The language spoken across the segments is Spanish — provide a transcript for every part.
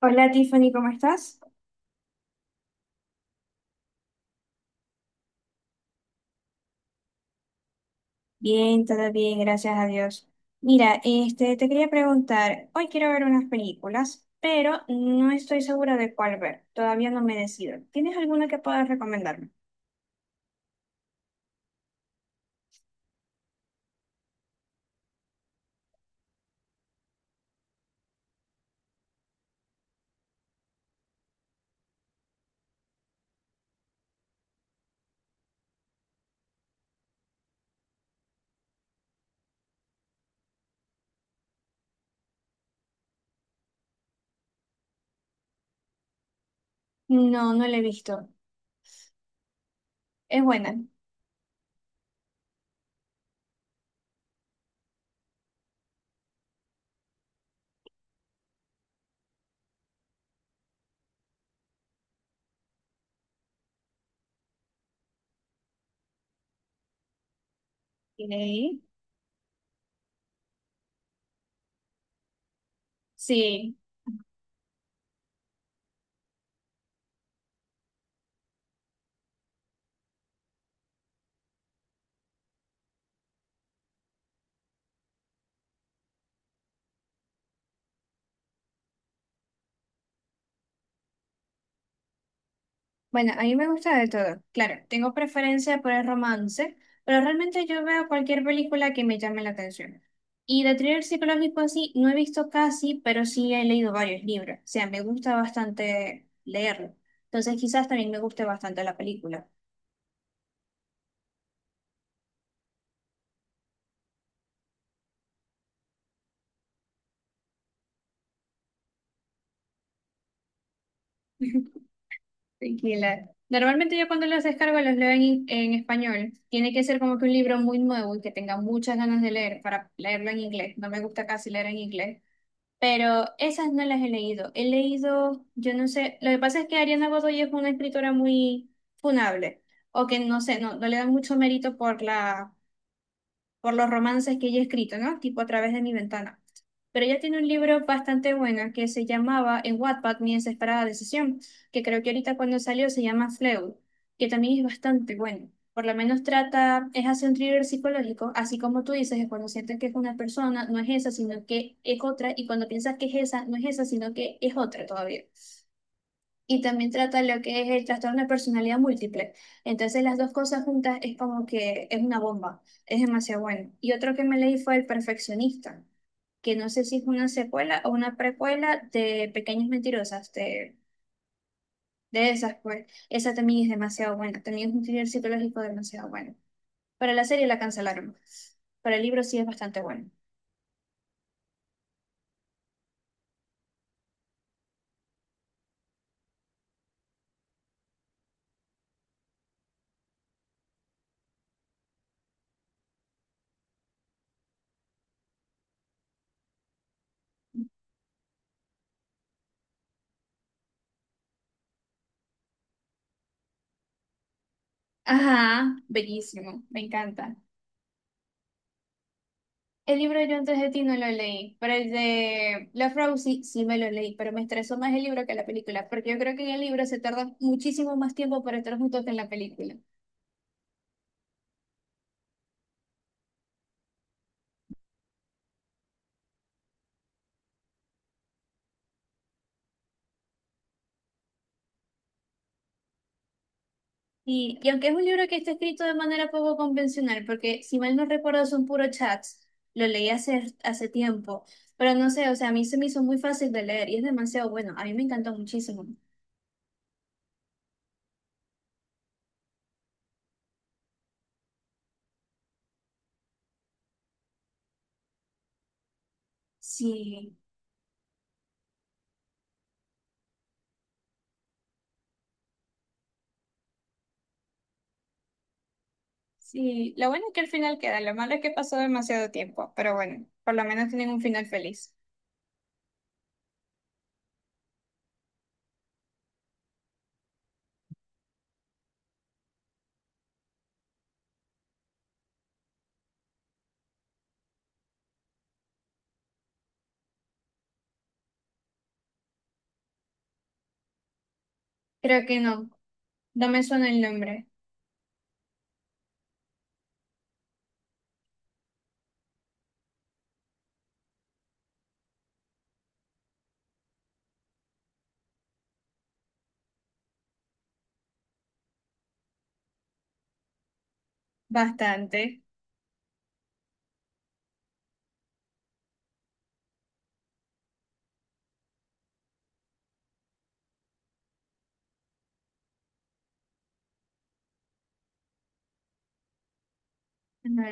Hola, Tiffany, ¿cómo estás? Bien, todo bien, gracias a Dios. Mira, te quería preguntar, hoy quiero ver unas películas, pero no estoy segura de cuál ver, todavía no me decido. ¿Tienes alguna que puedas recomendarme? No, no la he visto. ¿Es buena? Ok. Sí. Bueno, a mí me gusta de todo. Claro, tengo preferencia por el romance, pero realmente yo veo cualquier película que me llame la atención. Y de thriller psicológico así, no he visto casi, pero sí he leído varios libros. O sea, me gusta bastante leerlo. Entonces quizás también me guste bastante la película. Tranquila. Normalmente yo cuando los descargo los leo en español. Tiene que ser como que un libro muy nuevo y que tenga muchas ganas de leer para leerlo en inglés. No me gusta casi leer en inglés. Pero esas no las he leído. He leído, yo no sé, lo que pasa es que Ariana Godoy es una escritora muy funable, o que no sé, no le dan mucho mérito por la por los romances que ella ha escrito, ¿no? Tipo a través de mi ventana. Pero ella tiene un libro bastante bueno que se llamaba en Wattpad Mi desesperada decisión, que creo que ahorita cuando salió se llama Fleud, que también es bastante bueno. Por lo menos trata, es hacer un thriller psicológico, así como tú dices, que cuando sientes que es una persona, no es esa, sino que es otra, y cuando piensas que es esa, no es esa, sino que es otra todavía y también trata lo que es el trastorno de personalidad múltiple. Entonces las dos cosas juntas es como que es una bomba, es demasiado bueno. Y otro que me leí fue El Perfeccionista, que no sé si es una secuela o una precuela de Pequeñas Mentirosas, de esas, pues esa también es demasiado buena, también es un thriller psicológico demasiado bueno. Para la serie la cancelaron, para el libro sí es bastante bueno. Ajá, bellísimo, me encanta. El libro de Yo antes de ti no lo leí, pero el de La Frau sí, sí me lo leí, pero me estresó más el libro que la película, porque yo creo que en el libro se tarda muchísimo más tiempo para estar juntos que en la película. Y aunque es un libro que está escrito de manera poco convencional, porque si mal no recuerdo son puros chats, lo leí hace tiempo, pero no sé, o sea, a mí se me hizo muy fácil de leer y es demasiado bueno, a mí me encantó muchísimo. Sí, sí, lo bueno es que al final queda, lo malo es que pasó demasiado tiempo, pero bueno, por lo menos tienen un final feliz. Creo que no. No me suena el nombre. Bastante. Ujú.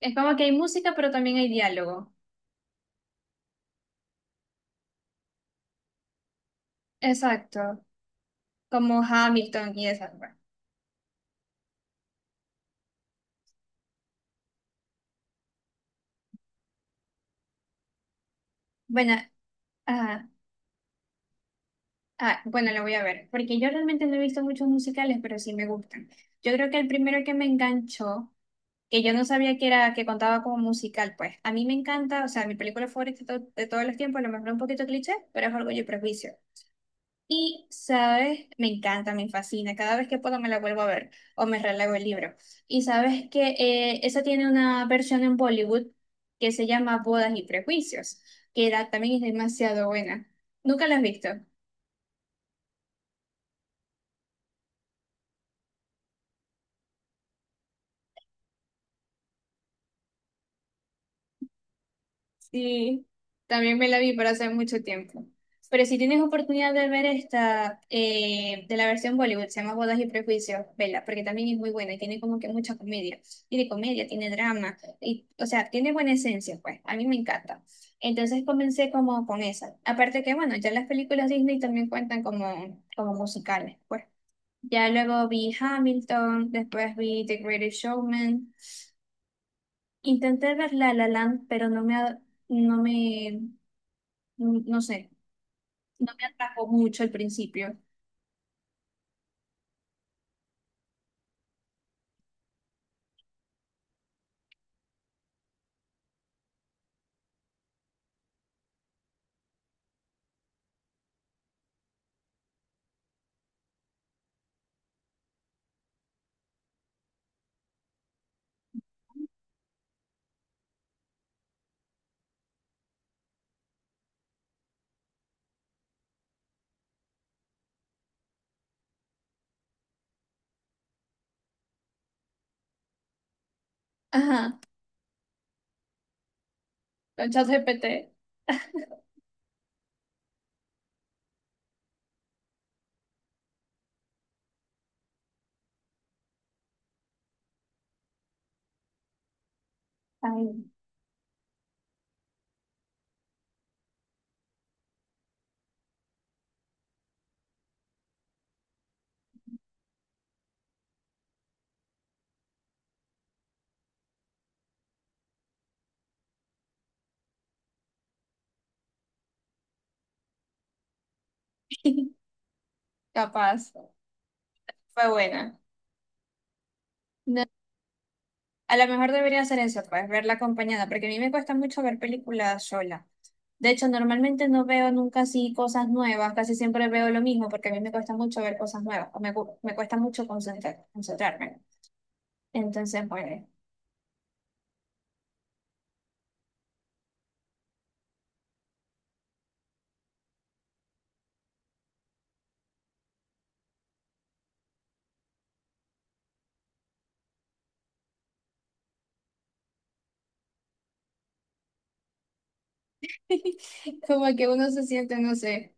Es como que hay música, pero también hay diálogo. Exacto. Como Hamilton y esas, pues. Bueno, ajá. Ah, bueno, la voy a ver. Porque yo realmente no he visto muchos musicales, pero sí me gustan. Yo creo que el primero que me enganchó, que yo no sabía que era, que contaba como musical, pues. A mí me encanta, o sea, mi película favorita de, de todos los tiempos, a lo mejor un poquito cliché, pero es Orgullo y Prejuicio. Y, sabes, me encanta, me fascina. Cada vez que puedo me la vuelvo a ver o me relego el libro. Y sabes que esa tiene una versión en Bollywood que se llama Bodas y Prejuicios, también es demasiado buena. ¿Nunca la has visto? Sí, también me la vi para hace mucho tiempo. Pero si tienes oportunidad de ver esta de la versión Bollywood, se llama Bodas y Prejuicios, vela, porque también es muy buena y tiene como que mucha comedia. Tiene comedia, tiene drama, y, o sea, tiene buena esencia, pues. A mí me encanta. Entonces comencé como con esa. Aparte que, bueno, ya las películas Disney también cuentan como musicales, pues. Ya luego vi Hamilton, después vi The Greatest Showman. Intenté ver La La Land, pero no me, no me no sé, no me atrapó mucho al principio. Ajá, con ChatGPT. Ay. Capaz, fue buena. No, a lo mejor debería hacer eso, pues, verla acompañada, porque a mí me cuesta mucho ver películas sola. De hecho, normalmente no veo nunca así cosas nuevas, casi siempre veo lo mismo, porque a mí me cuesta mucho ver cosas nuevas, o me, me cuesta mucho concentrarme. Entonces, bueno. como que uno se siente, no sé,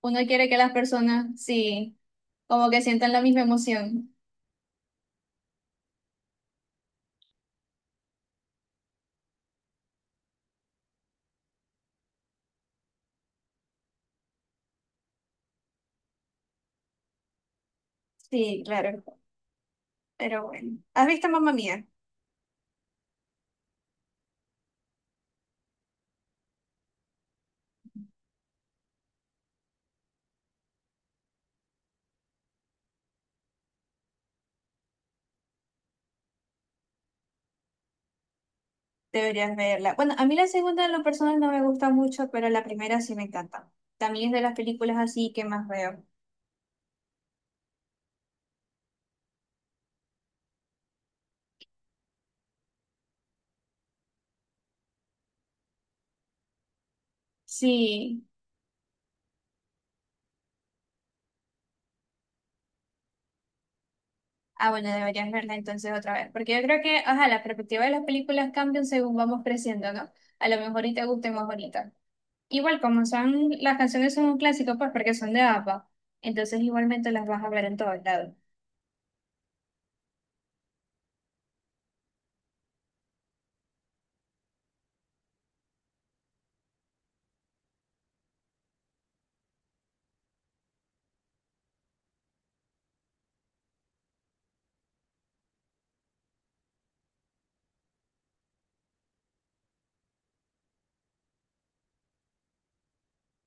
uno quiere que las personas, sí, como que sientan la misma emoción. Sí, claro. Pero bueno. ¿Has visto Mamma Mía? Deberías verla. Bueno, a mí la segunda en lo personal no me gusta mucho, pero la primera sí me encanta. También es de las películas así que más veo. Sí. Ah, bueno, deberías verla entonces otra vez. Porque yo creo que, ajá, la perspectiva de las películas cambian según vamos creciendo, ¿no? A lo mejor y te guste más ahorita. Igual, como son, las canciones son un clásico, pues porque son de APA. Entonces igualmente las vas a ver en todos lados.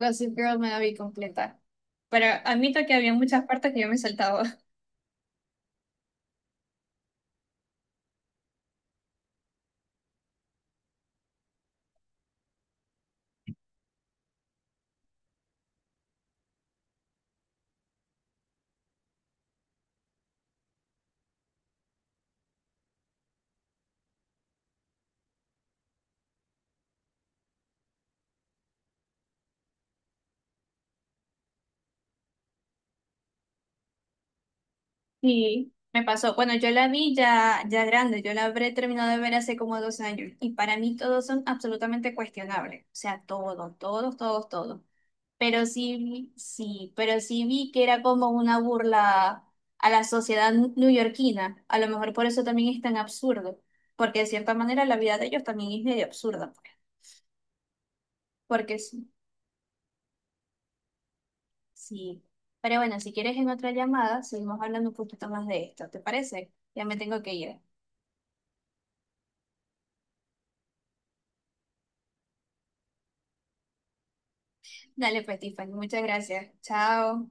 Gossip Girl me la vi completa. Pero admito que había muchas partes que yo me saltaba. Sí, me pasó. Bueno, yo la vi ya, ya grande, yo la habré terminado de ver hace como 2 años y para mí todos son absolutamente cuestionables, o sea, todos, todos, todos, todos. Pero sí, pero sí vi que era como una burla a la sociedad neoyorquina, a lo mejor por eso también es tan absurdo, porque de cierta manera la vida de ellos también es medio absurda, pues, porque sí, sí. Pero bueno, si quieres en otra llamada, seguimos hablando un poquito más de esto, ¿te parece? Ya me tengo que ir. Dale, pues, Tiffany, muchas gracias. Chao.